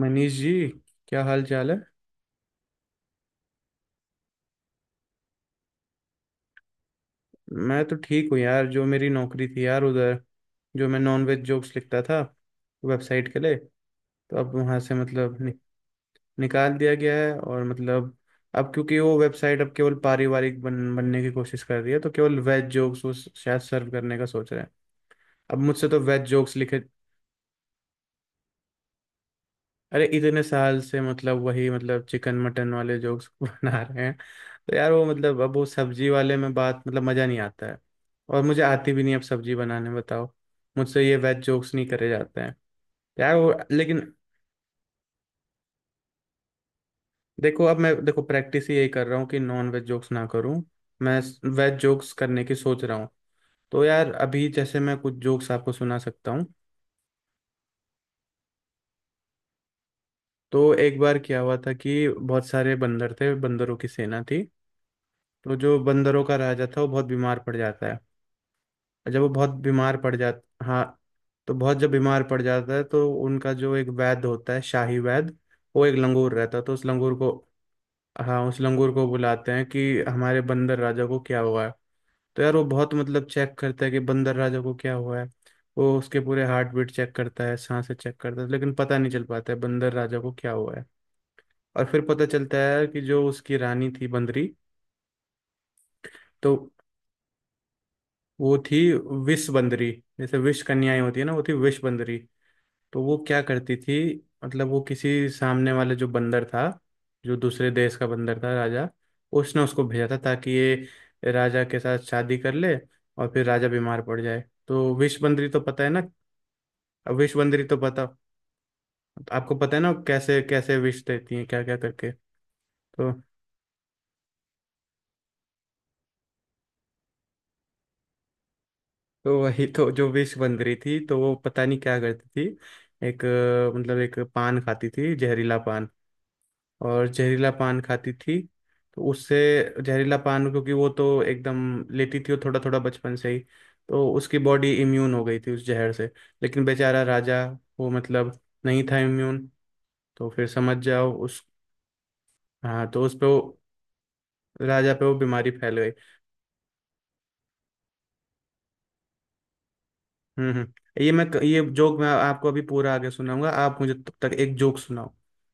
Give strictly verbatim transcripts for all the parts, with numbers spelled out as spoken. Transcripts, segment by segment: मनीष जी, क्या हाल चाल है। मैं तो ठीक हूँ यार। जो मेरी नौकरी थी यार उधर, जो मैं नॉनवेज जोक्स लिखता था वेबसाइट के लिए, तो अब वहाँ से मतलब नि, निकाल दिया गया है। और मतलब अब क्योंकि वो वेबसाइट अब केवल पारिवारिक बन, बनने की कोशिश कर रही है, तो केवल वेज जोक्स वो शायद सर्व करने का सोच रहे हैं। अब मुझसे तो वेज जोक्स लिखे। अरे इतने साल से मतलब वही मतलब चिकन मटन वाले जोक्स बना रहे हैं। तो यार वो मतलब अब वो सब्जी वाले में बात मतलब मजा नहीं आता है। और मुझे आती भी नहीं अब सब्जी बनाने बताओ। मुझसे ये वेज जोक्स नहीं करे जाते हैं यार वो, लेकिन देखो, अब मैं देखो प्रैक्टिस ही यही कर रहा हूँ कि नॉन वेज जोक्स ना करूँ। मैं वेज जोक्स करने की सोच रहा हूँ। तो यार अभी जैसे मैं कुछ जोक्स आपको सुना सकता हूँ। तो एक बार क्या हुआ था कि बहुत सारे बंदर थे, बंदरों की सेना थी। तो जो बंदरों का राजा था वो बहुत बीमार पड़ जाता है। और जब वो बहुत बीमार पड़ जाता, हाँ, तो बहुत जब बीमार पड़ जाता है तो उनका जो एक वैद्य होता है, शाही वैद्य, वो एक लंगूर रहता है। तो उस लंगूर को, हाँ, उस लंगूर को बुलाते हैं कि हमारे बंदर राजा को क्या हुआ है। तो यार वो बहुत मतलब चेक करता है कि बंदर राजा को क्या हुआ है। वो उसके पूरे हार्ट बीट चेक करता है, सांसें चेक करता है, लेकिन पता नहीं चल पाता है बंदर राजा को क्या हुआ है। और फिर पता चलता है कि जो उसकी रानी थी बंदरी, तो वो थी विष बंदरी। जैसे विष कन्याएं होती है ना, वो थी विष बंदरी। तो वो क्या करती थी, मतलब वो किसी सामने वाले जो बंदर था, जो दूसरे देश का बंदर था राजा, उसने उसको भेजा था ताकि ये राजा के साथ शादी कर ले और फिर राजा बीमार पड़ जाए। तो विष बंदरी तो पता है ना। अब विष बंदरी तो पता, आपको पता है ना कैसे कैसे विष देती है, क्या क्या करके। तो तो वही, तो जो विष बंदरी थी, तो वो पता नहीं क्या करती थी। एक अ, मतलब एक पान खाती थी, जहरीला पान। और जहरीला पान खाती थी, तो उससे जहरीला पान, क्योंकि वो तो एकदम लेती थी वो थोड़ा थोड़ा बचपन से ही, तो उसकी बॉडी इम्यून हो गई थी उस जहर से। लेकिन बेचारा राजा वो मतलब नहीं था इम्यून। तो फिर समझ जाओ उस हाँ, तो उस पे वो, राजा पे वो बीमारी फैल गई। हम्म हम्म ये मैं, ये जोक मैं आपको अभी पूरा आगे सुनाऊंगा, आप मुझे तब तक एक जोक सुनाओ।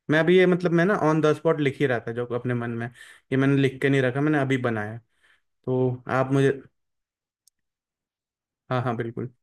मैं अभी ये मतलब मैं ना ऑन द स्पॉट लिख ही रहा था जोक अपने मन में, ये मैंने लिख के नहीं रखा, मैंने अभी बनाया। तो आप मुझे, हाँ हाँ, बिल्कुल।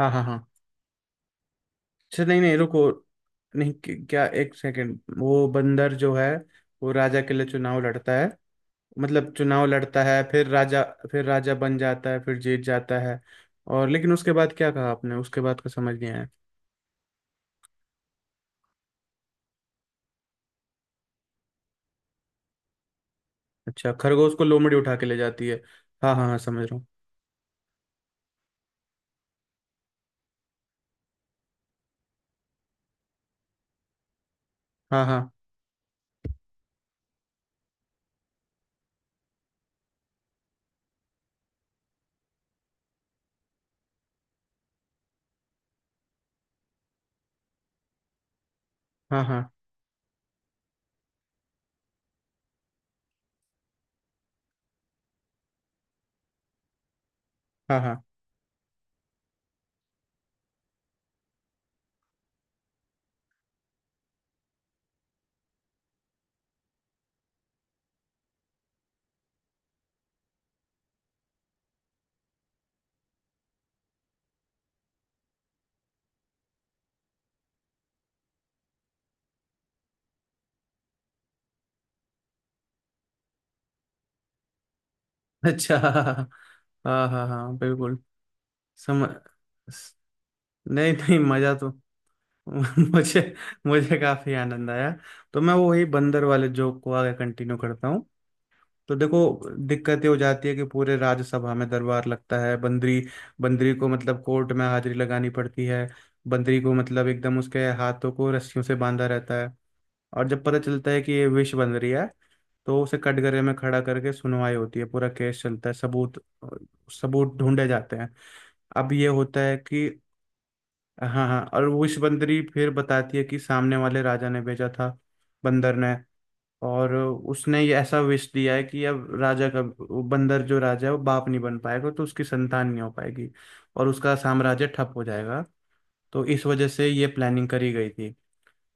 हाँ हाँ हाँ, अच्छा, नहीं नहीं रुको। नहीं क- क्या एक सेकंड, वो बंदर जो है वो राजा के लिए चुनाव लड़ता है, मतलब चुनाव लड़ता है फिर राजा, फिर राजा बन जाता है, फिर जीत जाता है। और लेकिन उसके बाद क्या कहा आपने, उसके बाद का समझ नहीं आया। अच्छा, खरगोश को लोमड़ी उठा के ले जाती है। हाँ हाँ हाँ, समझ रहा हूँ। हाँ हाँ हाँ। हाँ हाँ हाँ। अच्छा, हाँ हाँ। हाँ हाँ, हाँ, हाँ, बिल्कुल। समझ, नहीं नहीं, मजा तो मुझे मुझे काफी आनंद आया। तो मैं वो वही बंदर वाले जोक को आगे कंटिन्यू करता हूँ। तो देखो, दिक्कत ये हो जाती है कि पूरे राज्यसभा में दरबार लगता है बंदरी, बंदरी को मतलब कोर्ट में हाजिरी लगानी पड़ती है। बंदरी को मतलब एकदम उसके हाथों को रस्सियों से बांधा रहता है। और जब पता चलता है कि ये विष बंदरी है, तो उसे कटघरे में खड़ा करके सुनवाई होती है, पूरा केस चलता है, सबूत सबूत ढूंढे जाते हैं। अब ये होता है कि, हाँ हाँ हाँ, और वो विषबंदरी फिर बताती है कि सामने वाले राजा ने भेजा था बंदर ने, और उसने ये ऐसा विष दिया है कि अब राजा का वो बंदर जो राजा है वो बाप नहीं बन पाएगा, तो उसकी संतान नहीं हो पाएगी और उसका साम्राज्य ठप हो जाएगा। तो इस वजह से ये प्लानिंग करी गई थी।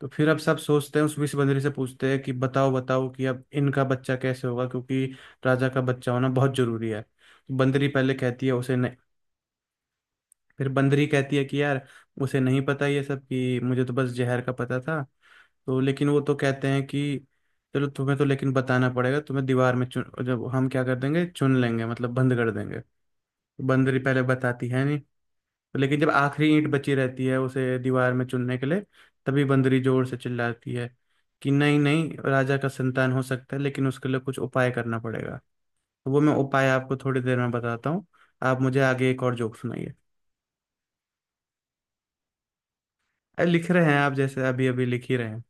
तो फिर अब सब सोचते हैं, उस विषबंदरी से पूछते हैं कि बताओ बताओ कि अब इनका बच्चा कैसे होगा, क्योंकि राजा का बच्चा होना बहुत जरूरी है। तो बंदरी पहले कहती है उसे, फिर बंदरी कहती है कि यार उसे नहीं पता ये सब, कि मुझे तो बस जहर का पता था। तो लेकिन वो तो कहते हैं कि चलो तुम्हें तो लेकिन बताना पड़ेगा, तुम्हें दीवार में चुन, जब हम क्या कर देंगे, चुन लेंगे, मतलब बंद कर देंगे। तो बंदरी पहले बताती है नहीं, तो लेकिन जब आखिरी ईंट बची रहती है उसे दीवार में चुनने के लिए, तभी बंदरी जोर से चिल्लाती है कि नहीं नहीं, राजा का संतान हो सकता है लेकिन उसके लिए कुछ उपाय करना पड़ेगा। तो वो मैं उपाय आपको थोड़ी देर में बताता हूँ, आप मुझे आगे एक और जोक सुनाइए। अरे लिख रहे हैं, आप जैसे अभी अभी लिख ही रहे हैं।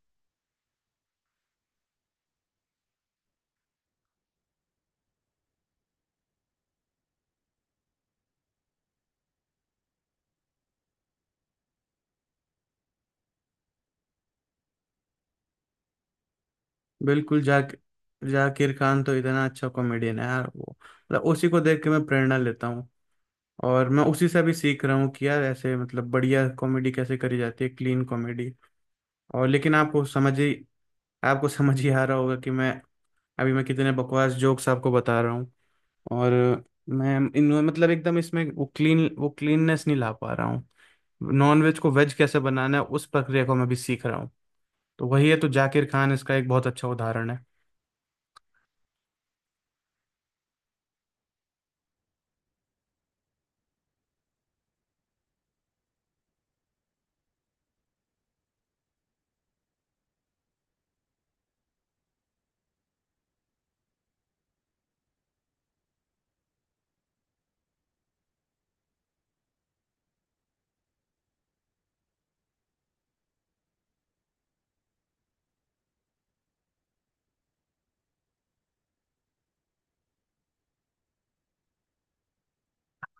बिल्कुल, जाक जाकिर खान तो इतना अच्छा कॉमेडियन है यार, वो मतलब उसी को देख के मैं प्रेरणा लेता हूँ। और मैं उसी से भी सीख रहा हूँ कि यार ऐसे मतलब बढ़िया कॉमेडी कैसे करी जाती है, क्लीन कॉमेडी। और लेकिन आपको समझ ही, आपको समझ ही आ रहा होगा कि मैं अभी मैं कितने बकवास जोक्स आपको बता रहा हूँ। और मैं इन मतलब एकदम इसमें वो क्लीन, वो क्लीननेस नहीं ला पा रहा हूँ। नॉन वेज को वेज कैसे बनाना है, उस प्रक्रिया को मैं भी सीख रहा हूँ। तो वही है, तो जाकिर खान इसका एक बहुत अच्छा उदाहरण है।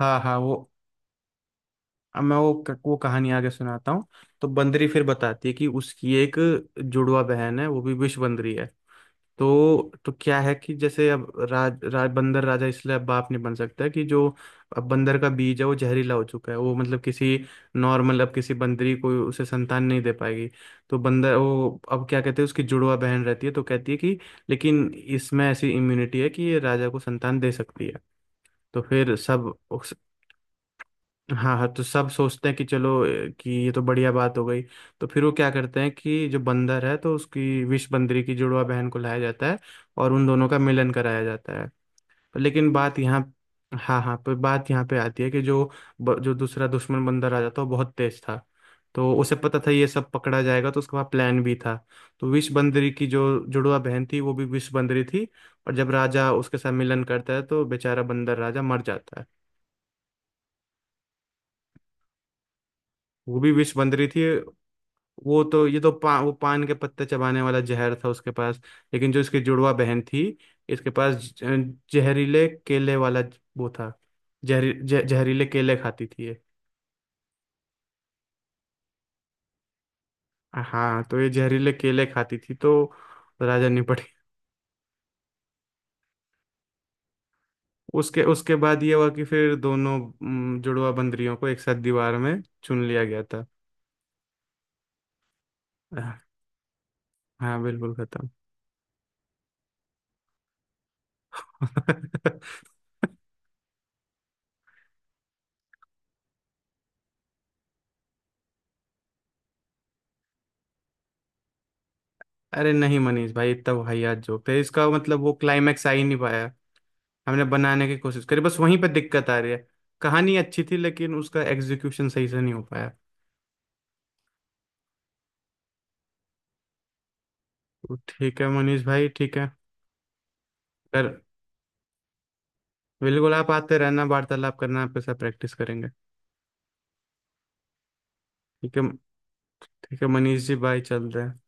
हाँ हाँ वो, अब मैं वो वो कहानी आगे सुनाता हूँ। तो बंदरी फिर बताती है कि उसकी एक जुड़वा बहन है, वो भी विष बंदरी है। तो तो क्या है कि जैसे अब राज, राज बंदर राजा इसलिए अब बाप नहीं बन सकता है कि जो अब बंदर का बीज है वो जहरीला हो चुका है, वो मतलब किसी नॉर्मल अब किसी बंदरी को उसे संतान नहीं दे पाएगी। तो बंदर वो अब क्या कहते हैं, उसकी जुड़वा बहन रहती है तो कहती है कि लेकिन इसमें ऐसी इम्यूनिटी है कि ये राजा को संतान दे सकती है। तो फिर सब उस- हाँ हाँ, तो सब सोचते हैं कि चलो ए, कि ये तो बढ़िया बात हो गई। तो फिर वो क्या करते हैं कि जो बंदर है तो उसकी विष बंदरी की जुड़वा बहन को लाया जाता है और उन दोनों का मिलन कराया जाता है। पर लेकिन बात यहाँ, हाँ हाँ, पर बात यहाँ पे आती है कि जो ब- जो दूसरा दुश्मन बंदर आ जाता है वो बहुत तेज था, तो उसे पता था ये सब पकड़ा जाएगा तो उसके पास प्लान भी था। तो विष बंदरी की जो जुड़वा बहन थी वो भी विष बंदरी थी, और जब राजा उसके साथ मिलन करता है तो बेचारा बंदर राजा मर जाता है। वो भी विष बन रही थी। वो तो ये तो पा, वो पान के पत्ते चबाने वाला जहर था उसके पास। लेकिन जो इसकी जुड़वा बहन थी, इसके पास ज- जहरीले केले वाला ज- वो था। जहरी ज- जहरीले केले खाती थी ये। हाँ, तो ये जहरीले केले खाती थी, तो राजा निपट गया। उसके उसके बाद ये हुआ कि फिर दोनों अम, जुड़वा बंदरियों को एक साथ दीवार में चुन लिया गया था। हाँ बिल्कुल, खत्म। अरे नहीं मनीष भाई, इतना वाहियात जोक थे, इसका मतलब वो क्लाइमैक्स आ ही नहीं पाया। हमने बनाने की कोशिश करी, बस वहीं पे दिक्कत आ रही है। कहानी अच्छी थी लेकिन उसका एग्जीक्यूशन सही से नहीं हो पाया। तो ठीक है मनीष भाई, ठीक है। कर, बिल्कुल, आप आते रहना, वार्तालाप करना आपके साथ, प्रैक्टिस करेंगे। ठीक है, ठीक है मनीष जी, बाय, चल रहे हैं।